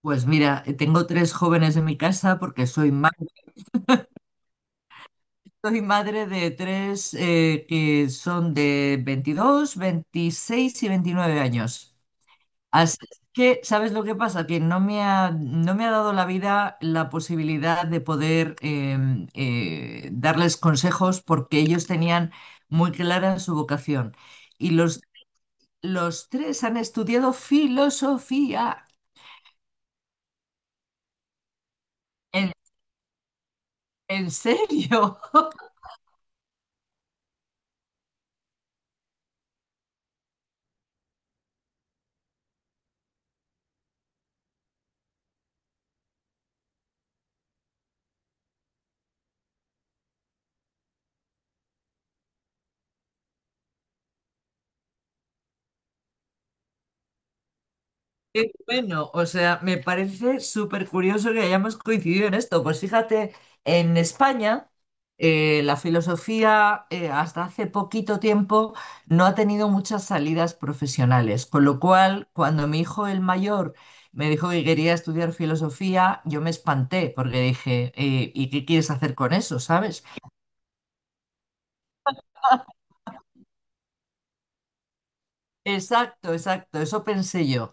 Pues mira, tengo tres jóvenes en mi casa porque soy madre de tres que son de 22, 26 y 29 años. Así que, ¿sabes lo que pasa? Que no me ha dado la vida la posibilidad de poder darles consejos porque ellos tenían muy clara su vocación. Y los tres han estudiado filosofía. ¿En, en serio? Qué bueno, o sea, me parece súper curioso que hayamos coincidido en esto. Pues fíjate, en España la filosofía hasta hace poquito tiempo no ha tenido muchas salidas profesionales, con lo cual cuando mi hijo el mayor me dijo que quería estudiar filosofía, yo me espanté porque dije, ¿y qué quieres hacer con eso, sabes? Exacto, exacto, eso pensé yo.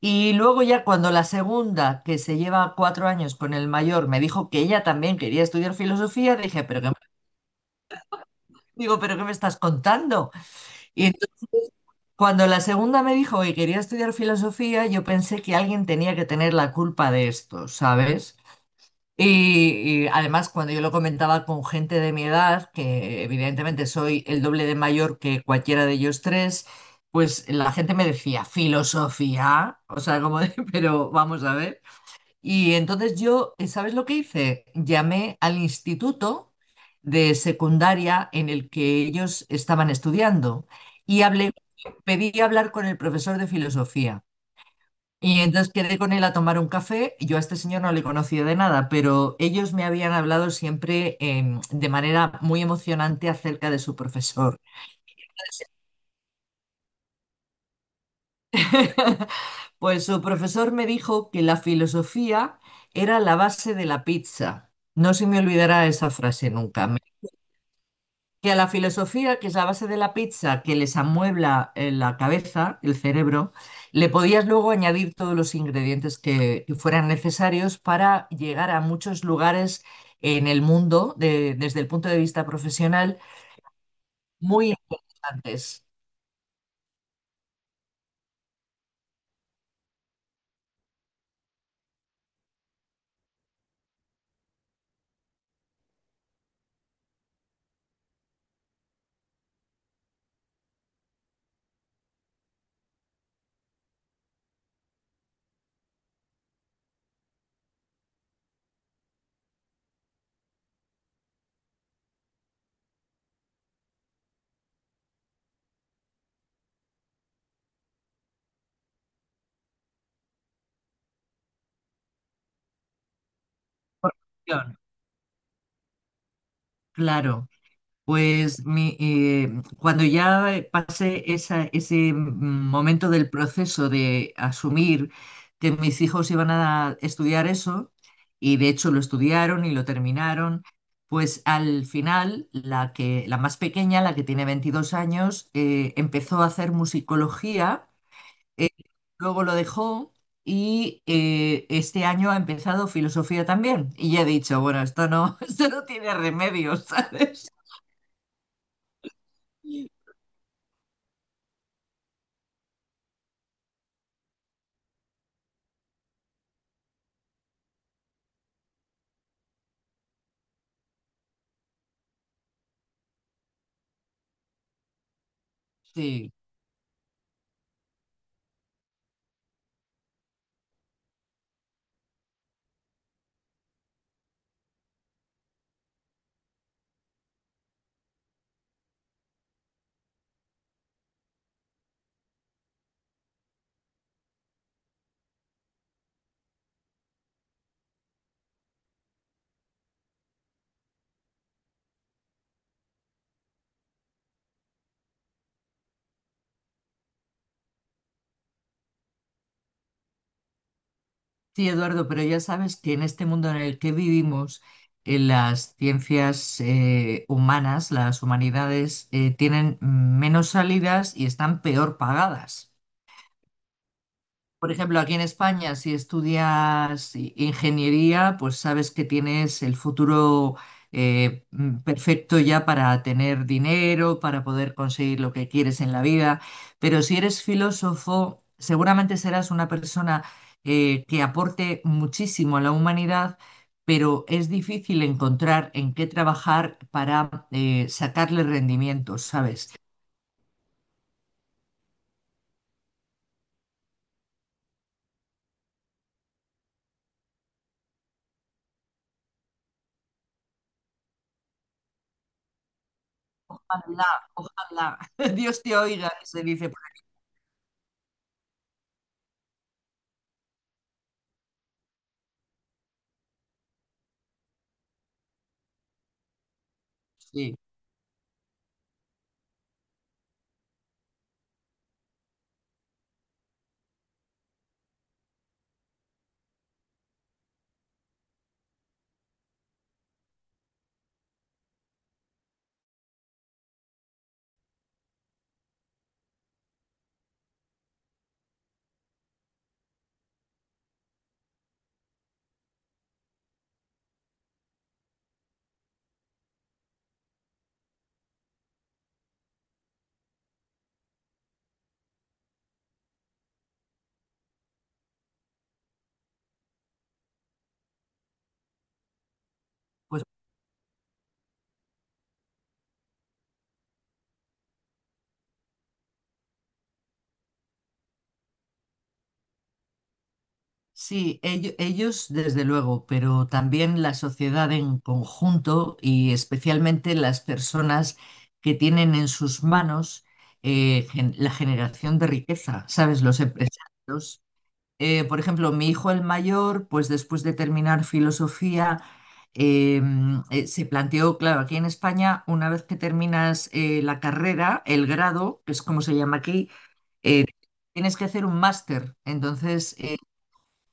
Y luego ya cuando la segunda, que se lleva 4 años con el mayor, me dijo que ella también quería estudiar filosofía, dije, digo, ¿pero qué me estás contando? Y entonces, cuando la segunda me dijo que quería estudiar filosofía, yo pensé que alguien tenía que tener la culpa de esto, ¿sabes? Y además cuando yo lo comentaba con gente de mi edad, que evidentemente soy el doble de mayor que cualquiera de ellos tres, pues la gente me decía, filosofía, o sea, como de, pero vamos a ver. Y entonces yo, ¿sabes lo que hice? Llamé al instituto de secundaria en el que ellos estaban estudiando y hablé, pedí hablar con el profesor de filosofía. Y entonces quedé con él a tomar un café. Yo a este señor no le conocía de nada, pero ellos me habían hablado siempre de manera muy emocionante acerca de su profesor. Pues su profesor me dijo que la filosofía era la base de la pizza. No se me olvidará esa frase nunca. Que a la filosofía, que es la base de la pizza, que les amuebla la cabeza, el cerebro, le podías luego añadir todos los ingredientes que fueran necesarios para llegar a muchos lugares en el mundo, desde el punto de vista profesional, muy interesantes. Por- Claro. Pues cuando ya pasé ese momento del proceso de asumir que mis hijos iban a estudiar eso, y de hecho lo estudiaron y lo terminaron, pues al final la que, la más pequeña, la que tiene 22 años, empezó a hacer musicología, luego lo dejó y este año ha empezado filosofía también. Y ya he dicho, bueno, esto no, esto no tiene remedio, ¿sabes? Sí. Sí, Eduardo, pero ya sabes que en este mundo en el que vivimos, en las ciencias humanas, las humanidades, tienen menos salidas y están peor pagadas. Por ejemplo, aquí en España, si estudias ingeniería, pues sabes que tienes el futuro perfecto ya para tener dinero, para poder conseguir lo que quieres en la vida. Pero si eres filósofo, seguramente serás una persona que aporte muchísimo a la humanidad, pero es difícil encontrar en qué trabajar para sacarle rendimiento, ¿sabes? Ojalá, ojalá, Dios te oiga, se dice por aquí. Sí. Sí, ellos, desde luego, pero también la sociedad en conjunto y especialmente las personas que tienen en sus manos la generación de riqueza, ¿sabes? Los empresarios. Por ejemplo, mi hijo el mayor, pues después de terminar filosofía, eh, se planteó, claro, aquí en España, una vez que terminas la carrera, el grado, que es como se llama aquí, eh, tienes que hacer un máster. Entonces,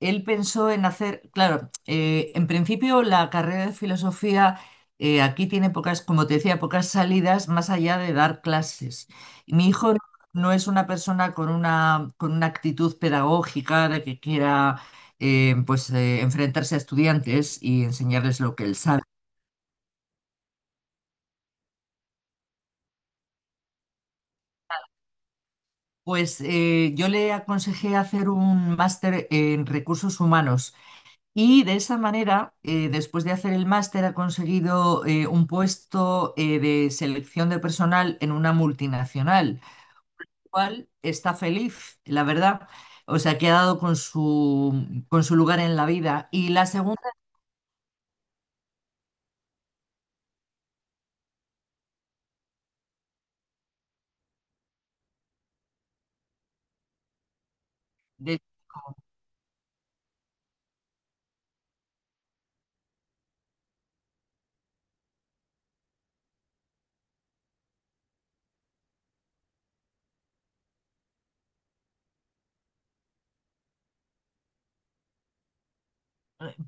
él pensó en hacer, claro, en principio la carrera de filosofía aquí tiene pocas, como te decía, pocas salidas más allá de dar clases. Y mi hijo no es una persona con una actitud pedagógica de que quiera pues, enfrentarse a estudiantes y enseñarles lo que él sabe. Pues yo le aconsejé hacer un máster en recursos humanos. De esa manera, después de hacer el máster, ha conseguido un puesto de selección de personal en una multinacional, cual está feliz, la verdad. O sea, que ha dado con su lugar en la vida. Y la segunda, de-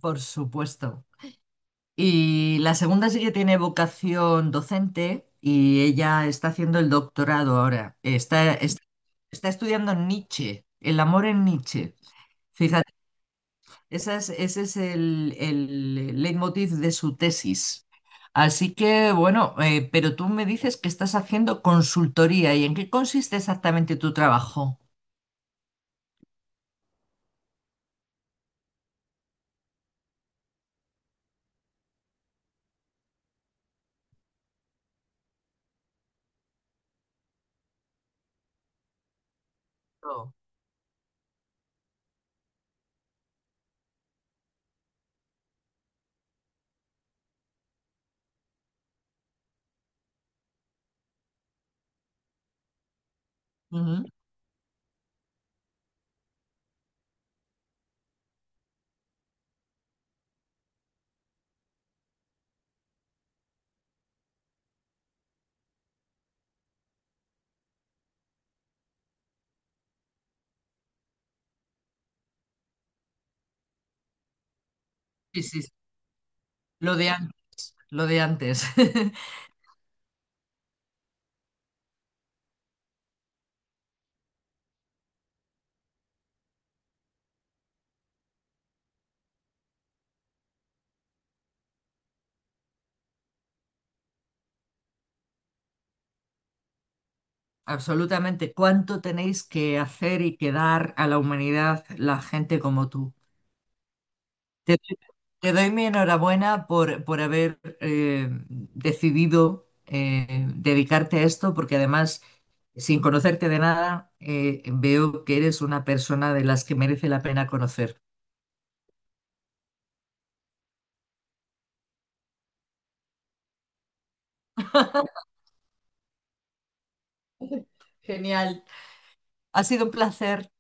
por supuesto. Y la segunda sí que tiene vocación docente y ella está haciendo el doctorado ahora. Está estudiando Nietzsche, el amor en Nietzsche. Ese es el leitmotiv de su tesis. Así que, bueno, pero tú me dices que estás haciendo consultoría y ¿en qué consiste exactamente tu trabajo? Oh, ujú. Sí, sí, sí. Lo de antes, lo de antes. Absolutamente. ¿Cuánto tenéis que hacer y que dar a la humanidad la gente como tú? Te doy mi enhorabuena por haber decidido dedicarte a esto, porque además, sin conocerte de nada, veo que eres una persona de las que merece la pena conocer. Genial. Ha sido un placer.